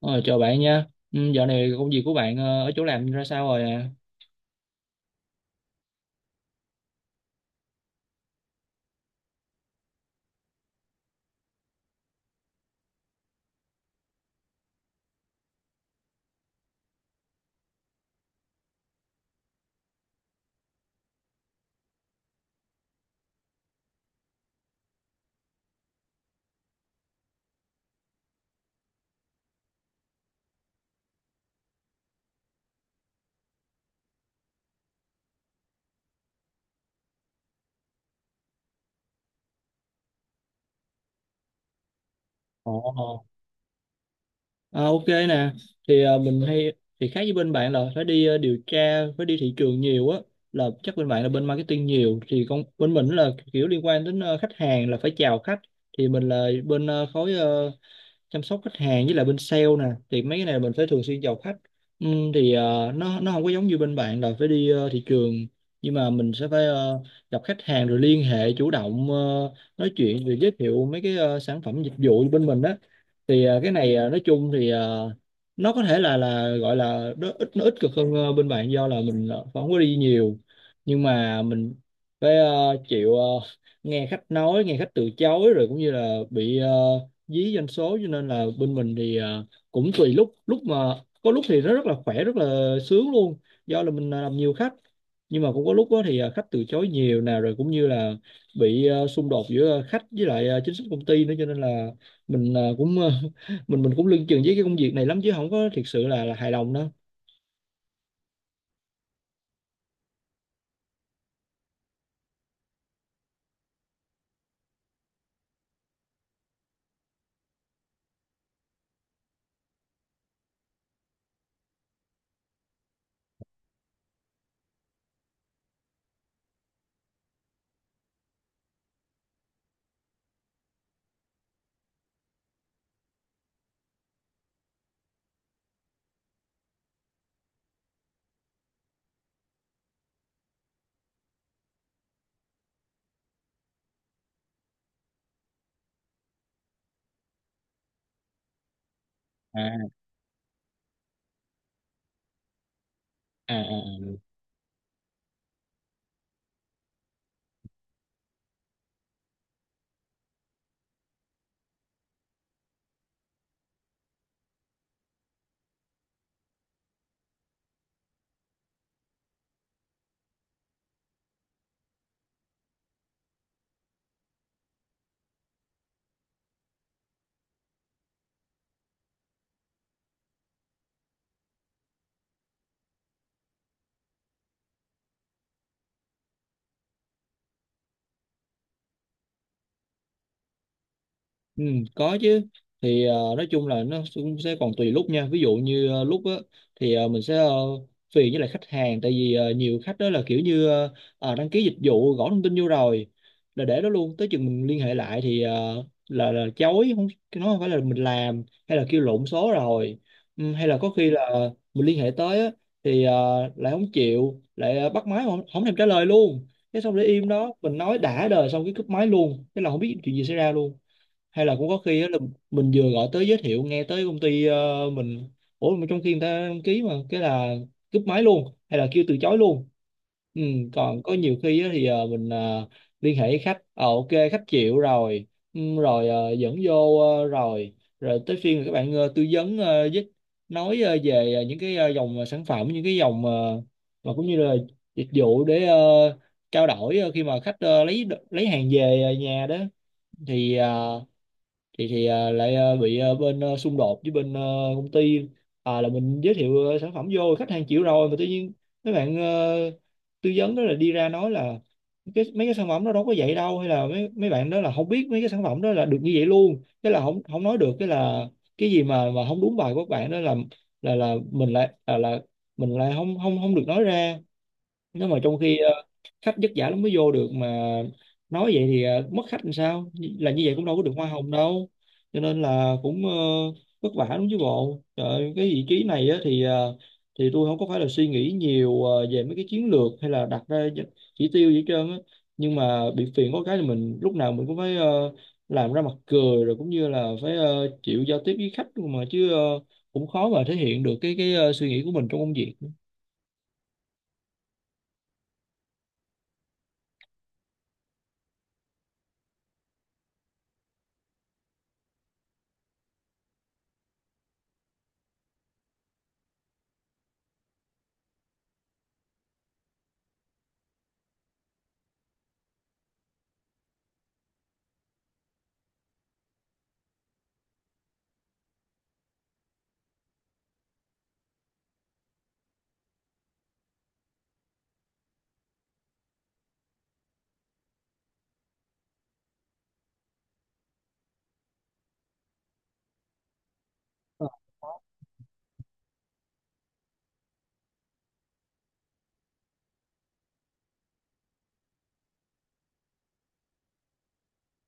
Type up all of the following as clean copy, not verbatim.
Ờ, Chào bạn nha. Dạo này công việc của bạn ở chỗ làm ra sao rồi à? Ồ, ồ. À, Ok nè. Thì ờ, mình hay Thì khác với bên bạn là phải đi điều tra, phải đi thị trường nhiều á. Là chắc bên bạn là bên marketing nhiều. Thì con bên mình là kiểu liên quan đến khách hàng là phải chào khách. Thì mình là bên khối chăm sóc khách hàng với lại bên sale nè, thì mấy cái này mình phải thường xuyên chào khách. Ừ, nó không có giống như bên bạn là phải đi thị trường, nhưng mà mình sẽ phải gặp khách hàng rồi liên hệ chủ động, nói chuyện rồi giới thiệu mấy cái sản phẩm dịch vụ bên mình đó. Thì ờ, cái này ờ, Nói chung nó có thể là gọi là nó ít cực hơn bên bạn do là mình không có đi nhiều, nhưng mà mình phải chịu, nghe khách nói, nghe khách từ chối rồi cũng như là bị dí doanh số. Cho nên là bên mình cũng tùy lúc, lúc mà có lúc thì nó rất là khỏe, rất là sướng luôn do là mình làm nhiều khách. Nhưng mà cũng có lúc đó thì khách từ chối nhiều nào, rồi cũng như là bị xung đột giữa khách với lại chính sách công ty nữa, cho nên là mình mình cũng lưng chừng với cái công việc này lắm chứ không có thực sự là hài lòng đâu. À à à à. Ừ, có chứ. Nói chung là nó cũng sẽ còn tùy lúc nha. Ví dụ như lúc á thì ờ, mình sẽ ờ, phiền với lại khách hàng, tại vì nhiều khách đó là kiểu như, đăng ký dịch vụ gõ thông tin vô rồi là để đó luôn, tới chừng mình liên hệ lại là chối. Không, nó không phải là mình làm hay là kêu lộn số rồi. Ừ, hay là có khi là mình liên hệ tới á thì ờ, lại không chịu, lại bắt máy mà không thèm trả lời luôn. Thế xong để im đó, mình nói đã đời xong cái cúp máy luôn, thế là không biết chuyện gì xảy ra luôn. Hay là cũng có khi á là mình vừa gọi tới giới thiệu nghe tới công ty mình, ủa mà trong khi người ta đăng ký mà cái là cúp máy luôn hay là kêu từ chối luôn. Ừ, còn có nhiều khi á thì ờ, mình ờ, liên hệ với khách, ok khách chịu rồi. Ừ, rồi dẫn vô, rồi rồi tới phiên các bạn tư vấn với nói về những cái dòng sản phẩm, những cái dòng mà cũng như là dịch vụ để trao đổi khi mà khách lấy hàng về nhà đó. Thì ờ, thì à, Lại bị bên xung đột với bên công ty. Là mình giới thiệu sản phẩm vô, khách hàng chịu rồi mà tự nhiên mấy bạn tư vấn đó là đi ra nói là cái mấy cái sản phẩm đó đâu có vậy đâu, hay là mấy mấy bạn đó là không biết mấy cái sản phẩm đó là được như vậy luôn, cái là không không nói được. Cái là cái gì mà không đúng bài của các bạn đó, là là mình lại là mình lại không không không được nói ra. Nếu mà trong khi khách vất vả lắm mới vô được mà nói vậy thì mất khách làm sao, là như vậy cũng đâu có được hoa hồng đâu. Cho nên là cũng vất vả lắm chứ bộ. Trời ơi, cái vị trí này á, thì tôi không có phải là suy nghĩ nhiều về mấy cái chiến lược hay là đặt ra những chỉ tiêu gì hết trơn á. Nhưng mà bị phiền có cái là mình lúc nào mình cũng phải làm ra mặt cười, rồi cũng như là phải chịu giao tiếp với khách luôn mà chứ. Ờ, Cũng khó mà thể hiện được cái suy nghĩ của mình trong công việc.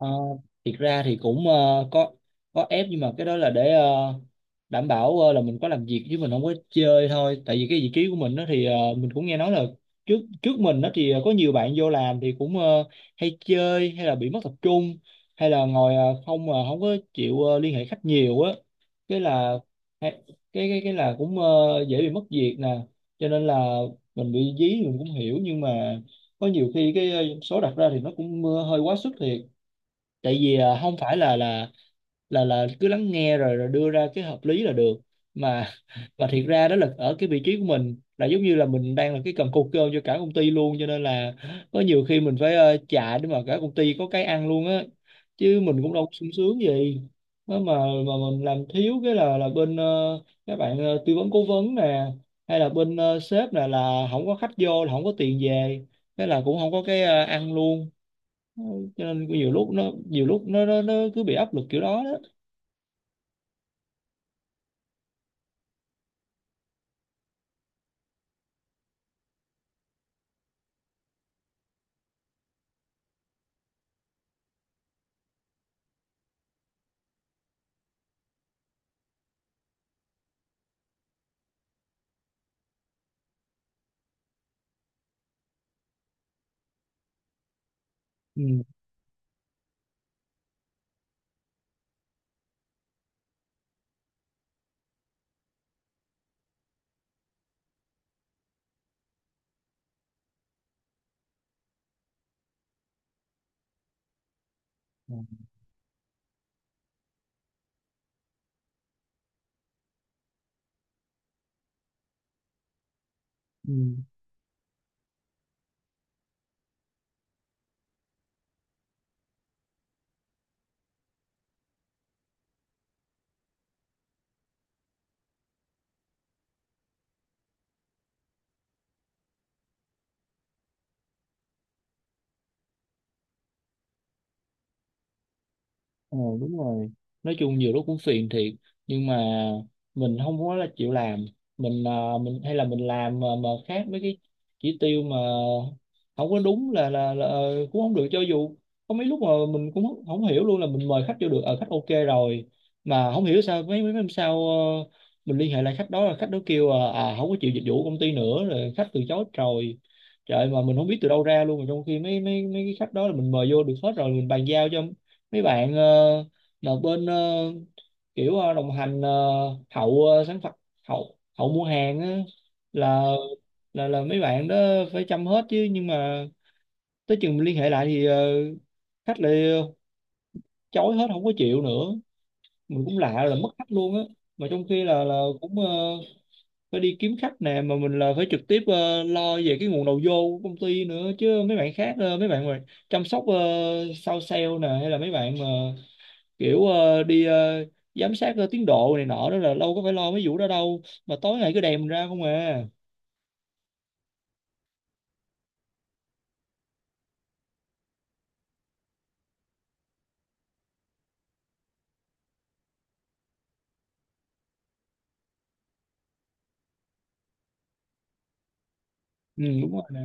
Ờ, thiệt ra thì cũng có có ép, nhưng mà cái đó là để đảm bảo là mình có làm việc chứ mình không có chơi thôi. Tại vì cái vị trí của mình đó mình cũng nghe nói là trước trước mình đó có nhiều bạn vô làm thì cũng hay chơi, hay là bị mất tập trung, hay là ngồi không mà không có chịu liên hệ khách nhiều á. Cái là hay- cái là cũng dễ bị mất việc nè. Cho nên là mình bị dí mình cũng hiểu, nhưng mà có nhiều khi cái số đặt ra thì nó cũng hơi quá sức thiệt. Tại vì không phải là cứ lắng nghe rồi rồi đưa ra cái hợp lý là được mà. Mà thiệt ra đó là ở cái vị trí của mình là giống như là mình đang là cái cần cột cơm cho cả công ty luôn, cho nên là có nhiều khi mình phải chạy để mà cả công ty có cái ăn luôn á, chứ mình cũng đâu có sung sướng gì. Đó mà mình làm thiếu cái là bên các bạn tư vấn cố vấn nè, hay là bên sếp nè, là không có khách vô là không có tiền về, thế là cũng không có cái ăn luôn. Ừ, cho nên nhiều lúc nó, nó cứ bị áp lực kiểu đó đó. Ừ. Ừ. Ờ đúng rồi, nói chung nhiều lúc cũng phiền thiệt, nhưng mà mình không có là chịu làm. Mình à, mình hay là Mình làm mà khác mấy cái chỉ tiêu mà không có đúng là cũng không được. Cho dù có mấy lúc mà mình cũng không không hiểu luôn là mình mời khách vô được ở khách ok rồi mà không hiểu sao mấy mấy năm sau mình liên hệ lại khách đó, là khách đó kêu à không có chịu dịch vụ công ty nữa rồi, khách từ chối rồi. Trời, mà mình không biết từ đâu ra luôn, mà trong khi mấy mấy mấy cái khách đó là mình mời vô được hết rồi, mình bàn giao cho mấy bạn ờ, là bên kiểu đồng hành hậu sản phẩm, hậu hậu mua hàng á, là là mấy bạn đó phải chăm hết chứ. Nhưng mà tới chừng mình liên hệ lại khách lại chối hết, không có chịu nữa. Mình cũng lạ là mất khách luôn á. Mà trong khi là cũng phải đi kiếm khách nè, mà mình là phải trực tiếp lo về cái nguồn đầu vô của công ty nữa, chứ mấy bạn khác mấy bạn mà chăm sóc sau sale nè, hay là mấy bạn mà kiểu đi giám sát tiến độ này nọ đó là đâu có phải lo mấy vụ đó đâu, mà tối ngày cứ đèm ra không à. Ừ, đúng rồi nè.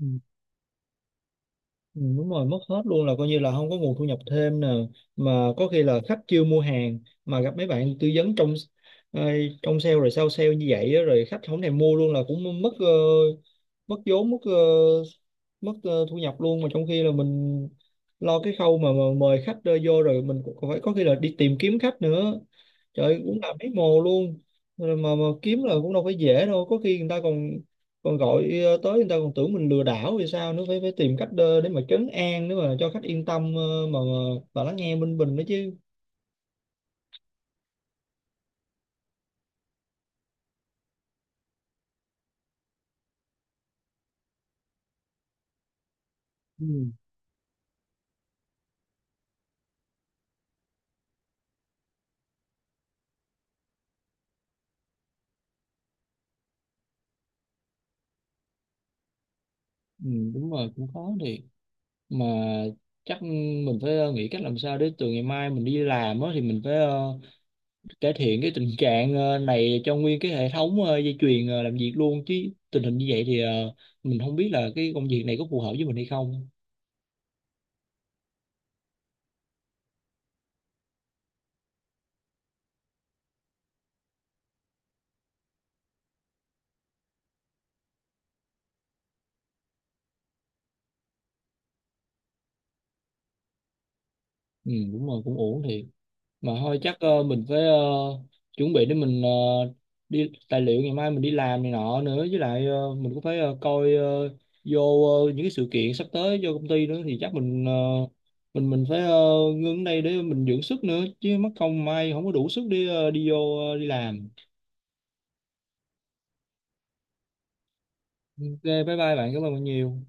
Ừ, ừ, đúng rồi, mất hết luôn, là coi như là không có nguồn thu nhập thêm nè. Mà có khi là khách chưa mua hàng mà gặp mấy bạn tư vấn trong ờ, trong sale rồi sau sale như vậy á, rồi khách không thèm mua luôn là cũng mất mất vốn, mất thu nhập luôn. Mà trong khi là mình lo cái khâu mà mời khách vô rồi mình cũng phải có khi là đi tìm kiếm khách nữa, trời cũng là mấy mồ luôn. Rồi mà kiếm là cũng đâu phải dễ đâu, có khi người ta còn còn gọi tới người ta còn tưởng mình lừa đảo thì sao nữa, phải phải tìm cách để mà trấn an nữa mà cho khách yên tâm, mà lắng nghe bên mình đó chứ. Ừ, ừ, đúng rồi, cũng khó thiệt mà. Chắc mình phải nghĩ cách làm sao để từ ngày mai mình đi làm á thì mình phải cải thiện cái tình trạng này cho nguyên cái hệ thống dây chuyền làm việc luôn chứ. Tình hình như vậy mình không biết là cái công việc này có phù hợp với mình hay không. Ừ, đúng rồi, cũng ổn thiệt mà. Thôi chắc mình phải chuẩn bị để mình đi tài liệu ngày mai mình đi làm này nọ nữa, với lại mình cũng phải coi vô những cái sự kiện sắp tới vô công ty nữa, thì chắc mình phải ngưng ở đây để mình dưỡng sức nữa, chứ mất công mai không có đủ sức đi đi vô đi làm. Ừ, ok bye bye bạn, cảm ơn bạn nhiều.